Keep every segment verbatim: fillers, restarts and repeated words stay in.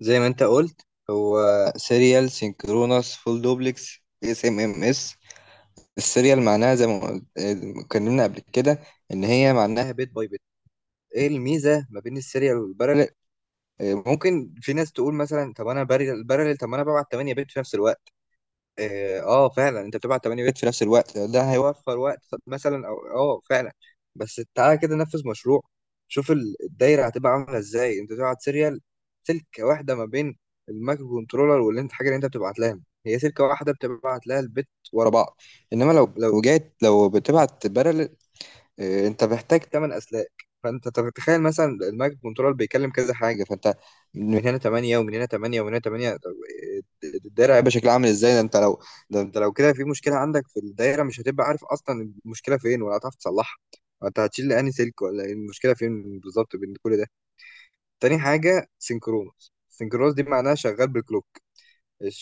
زي ما انت قلت، هو سيريال سينكرونس فول دوبلكس اس ام ام اس. السيريال معناها زي ما قلت- اه، اتكلمنا قبل كده ان هي معناها بيت باي بيت. ايه الميزه ما بين السيريال والبارلل؟ اه، ممكن في ناس تقول مثلا طب انا بارلل بارلل، طب ما انا ببعت تمانية بيت في نفس الوقت. اه آه، فعلا انت بتبعت تمن بيت في نفس الوقت، ده هيوفر وقت مثلا، او اه فعلا. بس تعالى كده نفذ مشروع، شوف ال- الدايره هتبقى عامله ازاي. انت تبعت سيريال، سلكه واحده ما بين المايكرو كنترولر واللي انت حاجه اللي انت بتبعت لها، هي سلكه واحده بتبعت لها البت ورا بعض. انما لو لو جات لو بتبعت، إيه، انت محتاج تمن اسلاك. فانت طب تخيل مثلا المايكرو كنترول بيكلم كذا حاجه، فانت من هنا تمانية ومن هنا تمانية ومن هنا تمانية. طب إيه، الدايره هيبقى شكلها عامل ازاي؟ ده انت لو ده انت لو كده في مشكله عندك في الدايره، مش هتبقى عارف اصلا المشكله فين ولا هتعرف تصلحها. انت هتشيل انهي سلك؟ ولا إيه المشكله فين بالظبط بين كل ده؟ تاني حاجه سينكرونوس. سينكرونوس دي معناها شغال بالكلوك،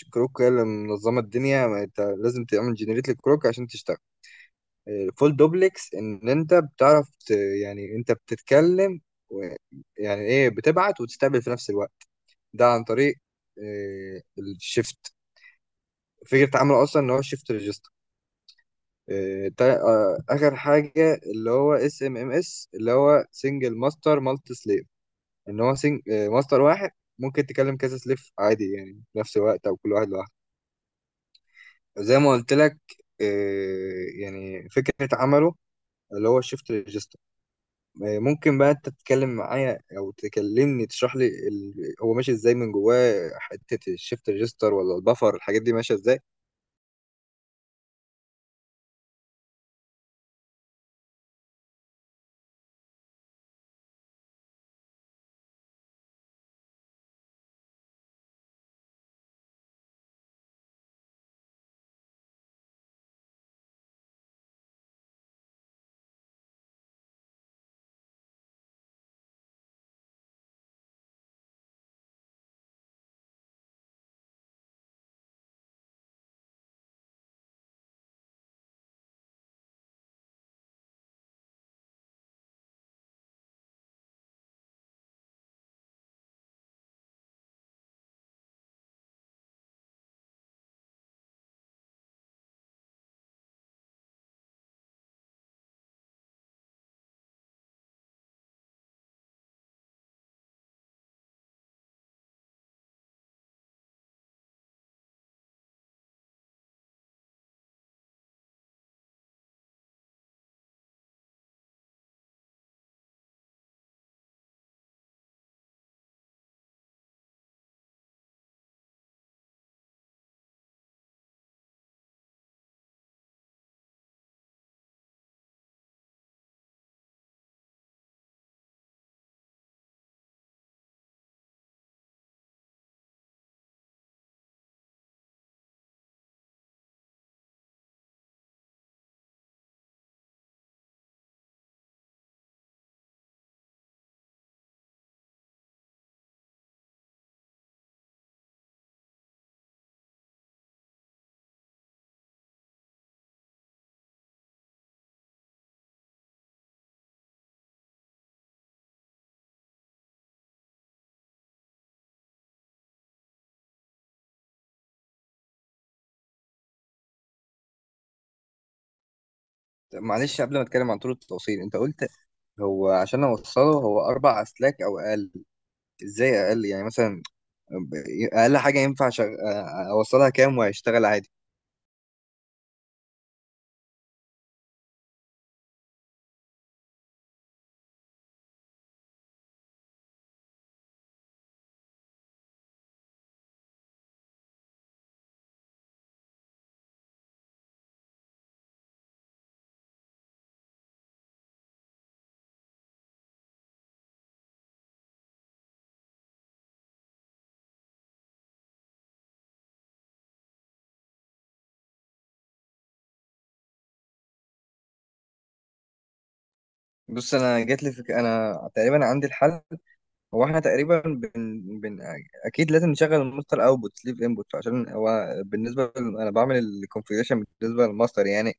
الكلوك هي اللي منظمه الدنيا، ما انت لازم تعمل جنريت للكلوك عشان تشتغل. فول دوبلكس ان انت بتعرف ت... يعني انت بتتكلم و... يعني ايه، بتبعت وتستقبل في نفس الوقت، ده عن طريق آه، الشيفت. فكرة عمله اصلا ان هو شيفت ريجستر. اخر حاجة اللي هو اس ام ام اس اللي هو سنجل ماستر مالتي سليف، ان هو سنج... ماستر واحد ممكن تكلم كذا سليف عادي، يعني في نفس الوقت او كل واحد لوحده. زي ما قلت لك، آه، يعني فكرة عمله اللي هو شيفت ريجستر. آه، ممكن بقى انت تتكلم معايا او تكلمني تشرح لي ال... هو ماشي ازاي من جواه؟ حته الشيفت ريجستر ولا البفر الحاجات دي ماشيه ازاي؟ طب معلش قبل ما اتكلم عن طول التوصيل، انت قلت هو عشان اوصله هو اربع اسلاك او اقل، ازاي اقل يعني؟ مثلا اقل حاجه ينفع شغ... اوصلها كام وهيشتغل عادي؟ بص انا جات لي فك... انا تقريبا عندي الحل. هو احنا تقريبا بن... بن... اكيد لازم نشغل الماستر اوتبوت سليف انبوت، عشان هو بالنسبه ل... انا بعمل الكونفيجريشن بالنسبه للماستر يعني.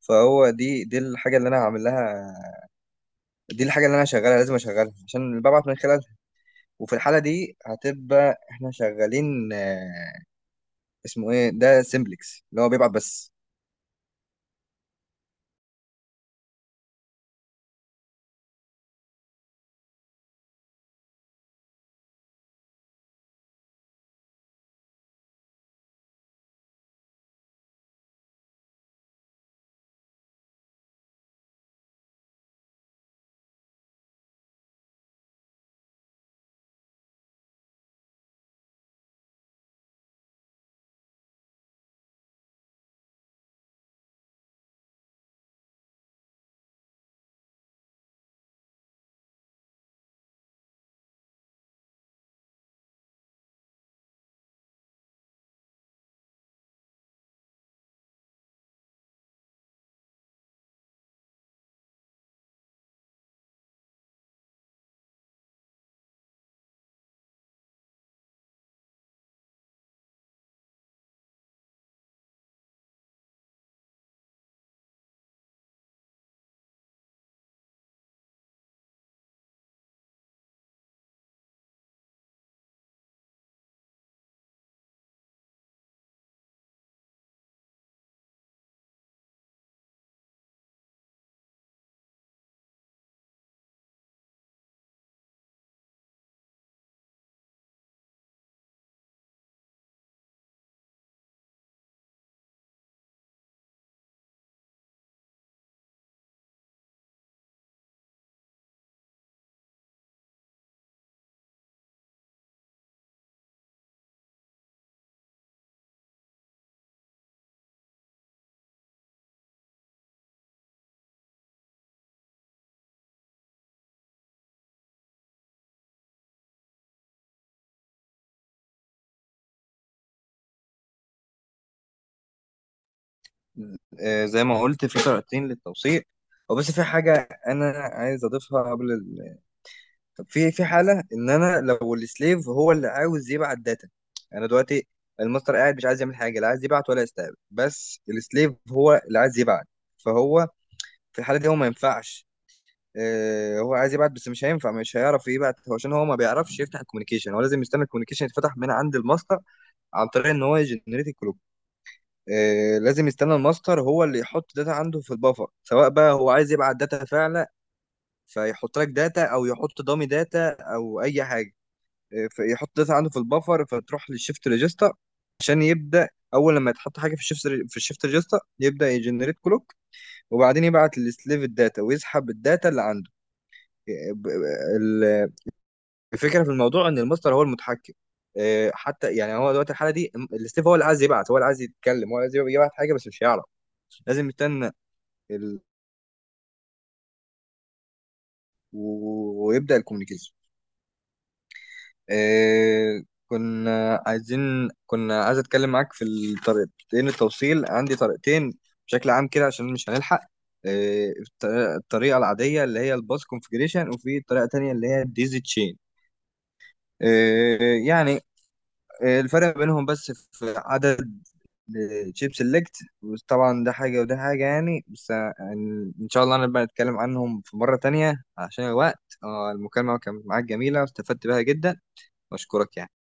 فهو دي دي الحاجه اللي انا هعمل لها، دي الحاجه اللي انا هشغلها، لازم اشغلها عشان اللي ببعت من خلالها. وفي الحاله دي هتبقى احنا شغالين، آه، اسمه ايه ده، سيمبلكس، اللي هو بيبعت بس. آه، زي ما قلت في طريقتين للتوصيل، وبس في حاجه انا عايز اضيفها قبل. طب في في حاله ان انا لو السليف هو اللي عاوز يبعت داتا، انا دلوقتي الماستر قاعد مش عايز يعمل حاجه، لا عايز يبعت ولا يستقبل، بس السليف هو اللي عايز يبعت. فهو في الحاله دي هو ما ينفعش. آه، هو عايز يبعت بس مش هينفع، مش هيعرف يبعت، هو عشان هو ما بيعرفش يفتح الكوميونيكيشن، هو لازم يستنى الكوميونيكيشن يتفتح من عند الماستر عن طريق ان هو يجنريت الكلوك. آه، لازم يستنى الماستر هو اللي يحط داتا عنده في البفر، سواء بقى هو عايز يبعت داتا فعلا فيحط لك داتا او يحط دامي داتا او اي حاجه، فيحط داتا عنده في البفر، فتروح للشيفت ريجستا عشان يبدا. اول لما يتحط حاجه في الشيفت في الشيفت ريجستا يبدا يجنريت كلوك، وبعدين يبعت للسليف الداتا ويسحب الداتا اللي عنده. ب- ال- الفكره في الموضوع ان الماستر هو المتحكم. آه، حتى يعني هو دلوقتي الحاله دي م- السليف هو اللي عايز يبعت، هو اللي عايز يتكلم، هو اللي عايز يبعت حاجه بس مش هيعرف، لازم يستنى ال... و- ويبدا الكوميونيكيشن. إيه، كنا عايزين كنا عايز اتكلم معاك في الطريقتين التوصيل. عندي طريقتين بشكل عام كده عشان مش هنلحق. إيه الط- الطريقه العاديه اللي هي الباس كونفجريشن، وفي طريقه تانية اللي هي الديزي تشين. إيه يعني إيه الفرق بينهم؟ بس في عدد تشيب سيلكت. طبعا ده حاجه وده حاجه يعني، بس ان إن شاء الله نبقى نتكلم عنهم في مره تانية عشان الوقت. آه، المكالمه كانت معاك جميله واستفدت بها جدا، واشكرك يعني.